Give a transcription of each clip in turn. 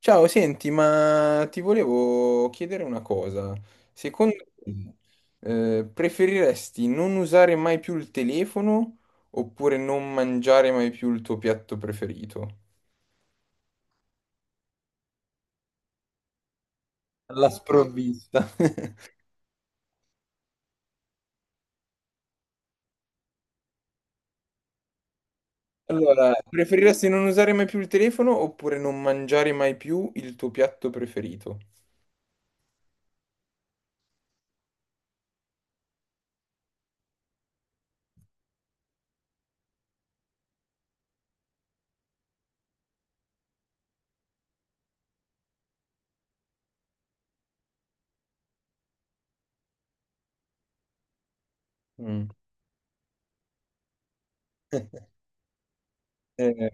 Ciao, senti, ma ti volevo chiedere una cosa. Secondo te, preferiresti non usare mai più il telefono oppure non mangiare mai più il tuo piatto preferito? Alla sprovvista. Allora, preferiresti non usare mai più il telefono oppure non mangiare mai più il tuo piatto preferito? Mm. Eh,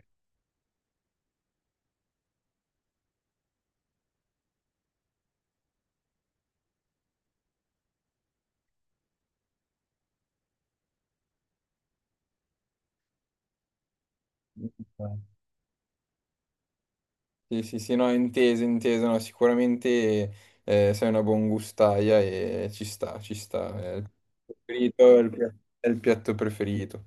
Sì, sì, sì, no, inteso, inteso, no, sicuramente sei una buon gustaia e ci sta, ci sta. È il preferito, è è il piatto preferito.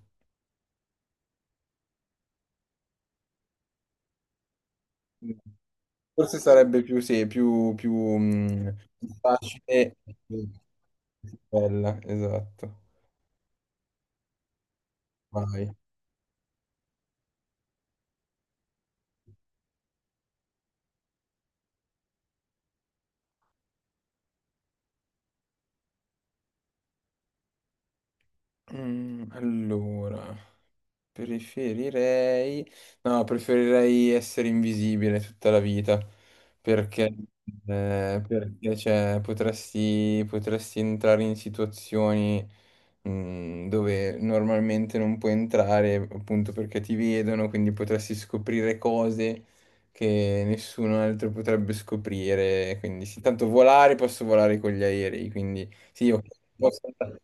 Forse sarebbe più, sì, più, più facile e più bella, esatto. Vai. Mm, allora. Preferirei... No, preferirei essere invisibile tutta la vita, perché, perché, cioè, potresti entrare in situazioni, mm, dove normalmente non puoi entrare, appunto perché ti vedono, quindi potresti scoprire cose che nessuno altro potrebbe scoprire. Quindi, sì, tanto volare, posso volare con gli aerei, quindi sì, ok, posso andare-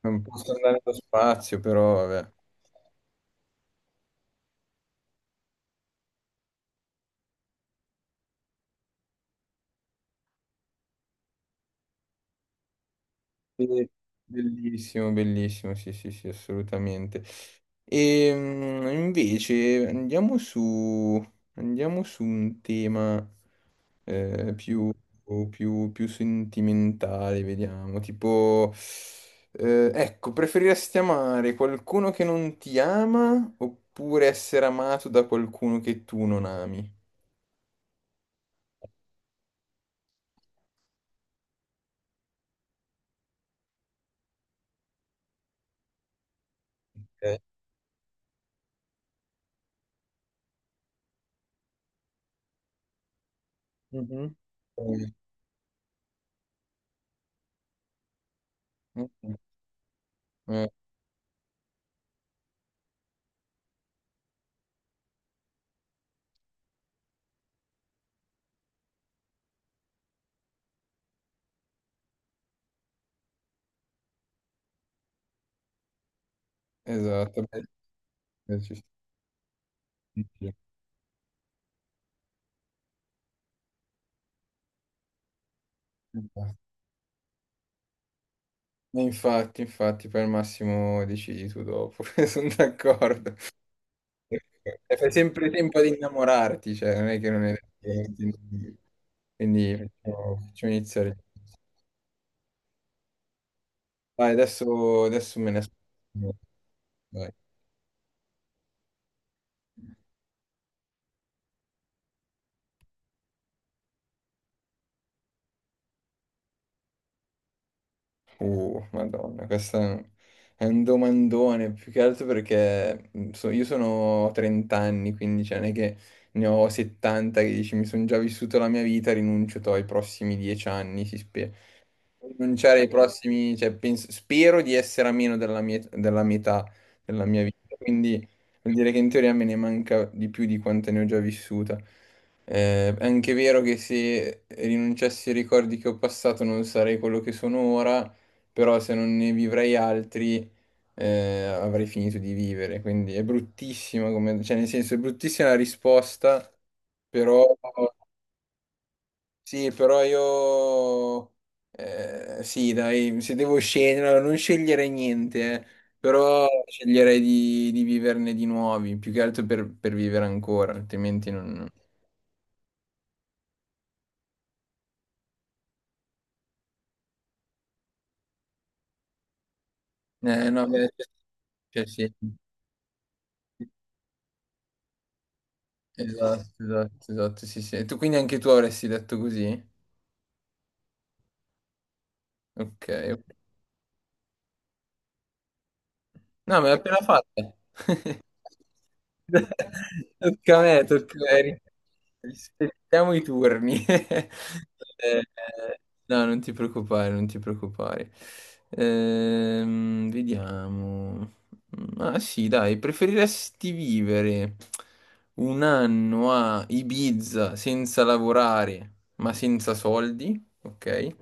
non posso andare allo spazio, però vabbè. Sì, bellissimo, bellissimo, sì, sì, sì, assolutamente. E invece andiamo su un tema più, più sentimentale, vediamo, tipo, ecco, preferiresti amare qualcuno che non ti ama oppure essere amato da qualcuno che tu non ami? Ok. Mhm. Eh, eh, eh, esatto. Beh, ci sta. E infatti, infatti, poi al massimo decidi tu dopo, sono d'accordo. E fai sempre tempo ad innamorarti, cioè non è che non è... Quindi facciamo, facciamo iniziare. Vai, adesso, adesso me ne aspetto. Vai. Madonna, questo è un domandone, più che altro perché io sono 30 anni, quindi cioè, non è che ne ho 70 che dici mi sono già vissuto la mia vita, ai prossimi 10 anni, si spera. Rinunciare ai prossimi, cioè, spero di essere a meno della metà della mia vita, quindi vuol dire che in teoria me ne manca di più di quante ne ho già vissuta. È anche vero che se rinunciassi ai ricordi che ho passato non sarei quello che sono ora, però se non ne vivrei altri avrei finito di vivere, quindi è bruttissima come, cioè nel senso è bruttissima la risposta, però sì, però io sì, dai, se devo scegliere, allora, non sceglierei niente, però sceglierei di viverne di nuovi, più che altro per vivere ancora, altrimenti non... no, beh, cioè, sì. Esatto, esatto, esatto, sì, sì. E tu quindi anche tu avresti detto così? Ok, ok. No, me l'ha appena fatta. Tocca a me, tocca a me. Rispettiamo i turni. Eh, no, non ti preoccupare, non ti preoccupare. Vediamo. Ah sì, dai, preferiresti vivere un anno a Ibiza senza lavorare, ma senza soldi? Ok?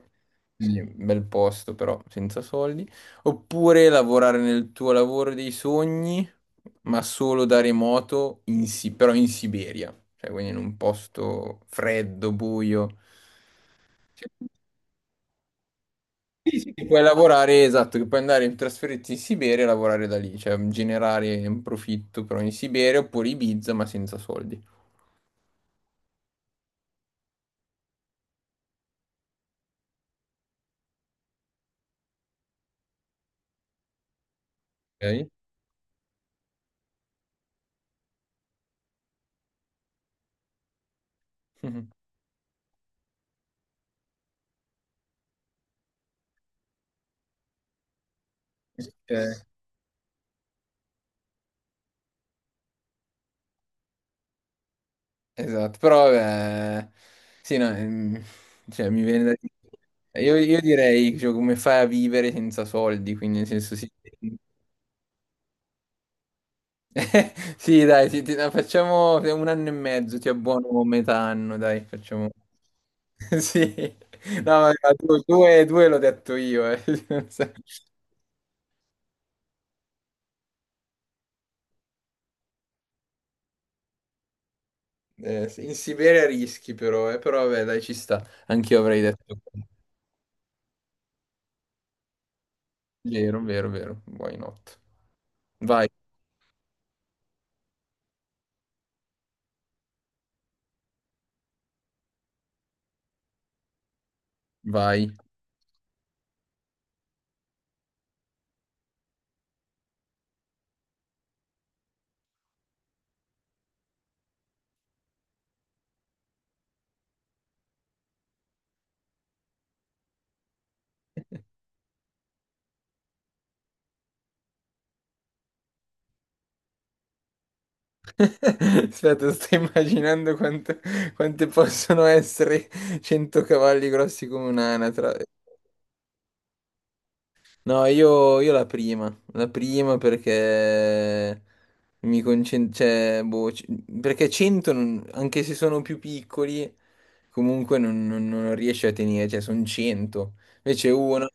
Quindi, bel posto, però senza soldi. Oppure lavorare nel tuo lavoro dei sogni, ma solo da remoto, però in Siberia, cioè quindi in un posto freddo, buio. Cioè, sì, sì, che puoi lavorare, esatto, che puoi andare in trasferirti in Siberia e lavorare da lì, cioè generare un profitto però in Siberia oppure Ibiza ma senza soldi. Ok? Ok. Esatto, però vabbè, sì, no, cioè, mi viene da dire... Io, direi, cioè, come fai a vivere senza soldi, quindi nel senso sì, sì dai, sì, no, facciamo un anno e mezzo, ti abbuono metà anno, dai, facciamo... Sì, no, ma due, due l'ho detto io, eh. Non so. Sì, in Siberia rischi però, però vabbè, dai, ci sta, anch'io avrei detto... Vero, vero, vero, why not? Vai, vai. Aspetta, sto immaginando quante possono essere 100 cavalli grossi come un'anatra. No, io la prima perché mi concentro, cioè, boh, perché 100, anche se sono più piccoli, comunque non riesci a tenere, cioè sono 100. Invece uno,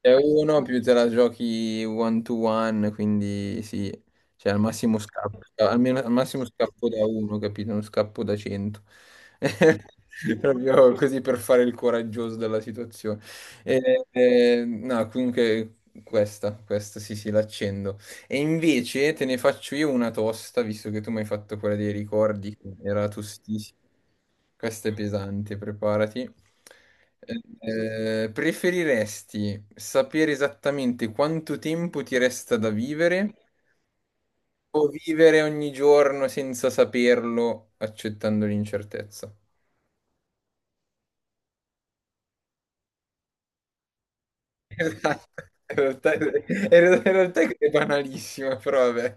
è uno più te la giochi one to one, quindi sì, cioè al massimo scappo, almeno al massimo scappo da uno, capito? Non scappo da 100. Proprio così per fare il coraggioso della situazione. No, comunque questa, questa sì, sì, l'accendo. E invece te ne faccio io una tosta, visto che tu mi hai fatto quella dei ricordi, che era tostissima. Questa è pesante, preparati. Preferiresti sapere esattamente quanto tempo ti resta da vivere o vivere ogni giorno senza saperlo, accettando l'incertezza? Esatto. In realtà è banalissima, però vabbè.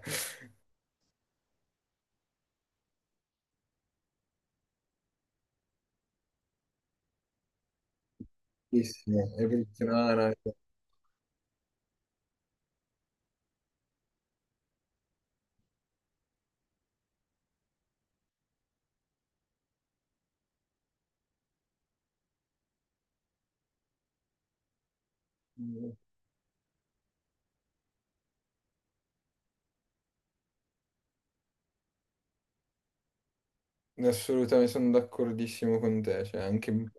Bellissimo, è bellissimo. No, no, assolutamente sono d'accordissimo con te. Cioè, anche...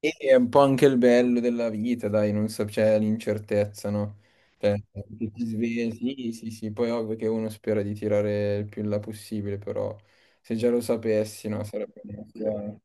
E è un po' anche il bello della vita, dai, non so, c'è l'incertezza, no? Cioè, che ti svegli, sì, sì, sì, poi ovvio che uno spera di tirare il più in là possibile, però se già lo sapessi, no, sarebbe... meglio.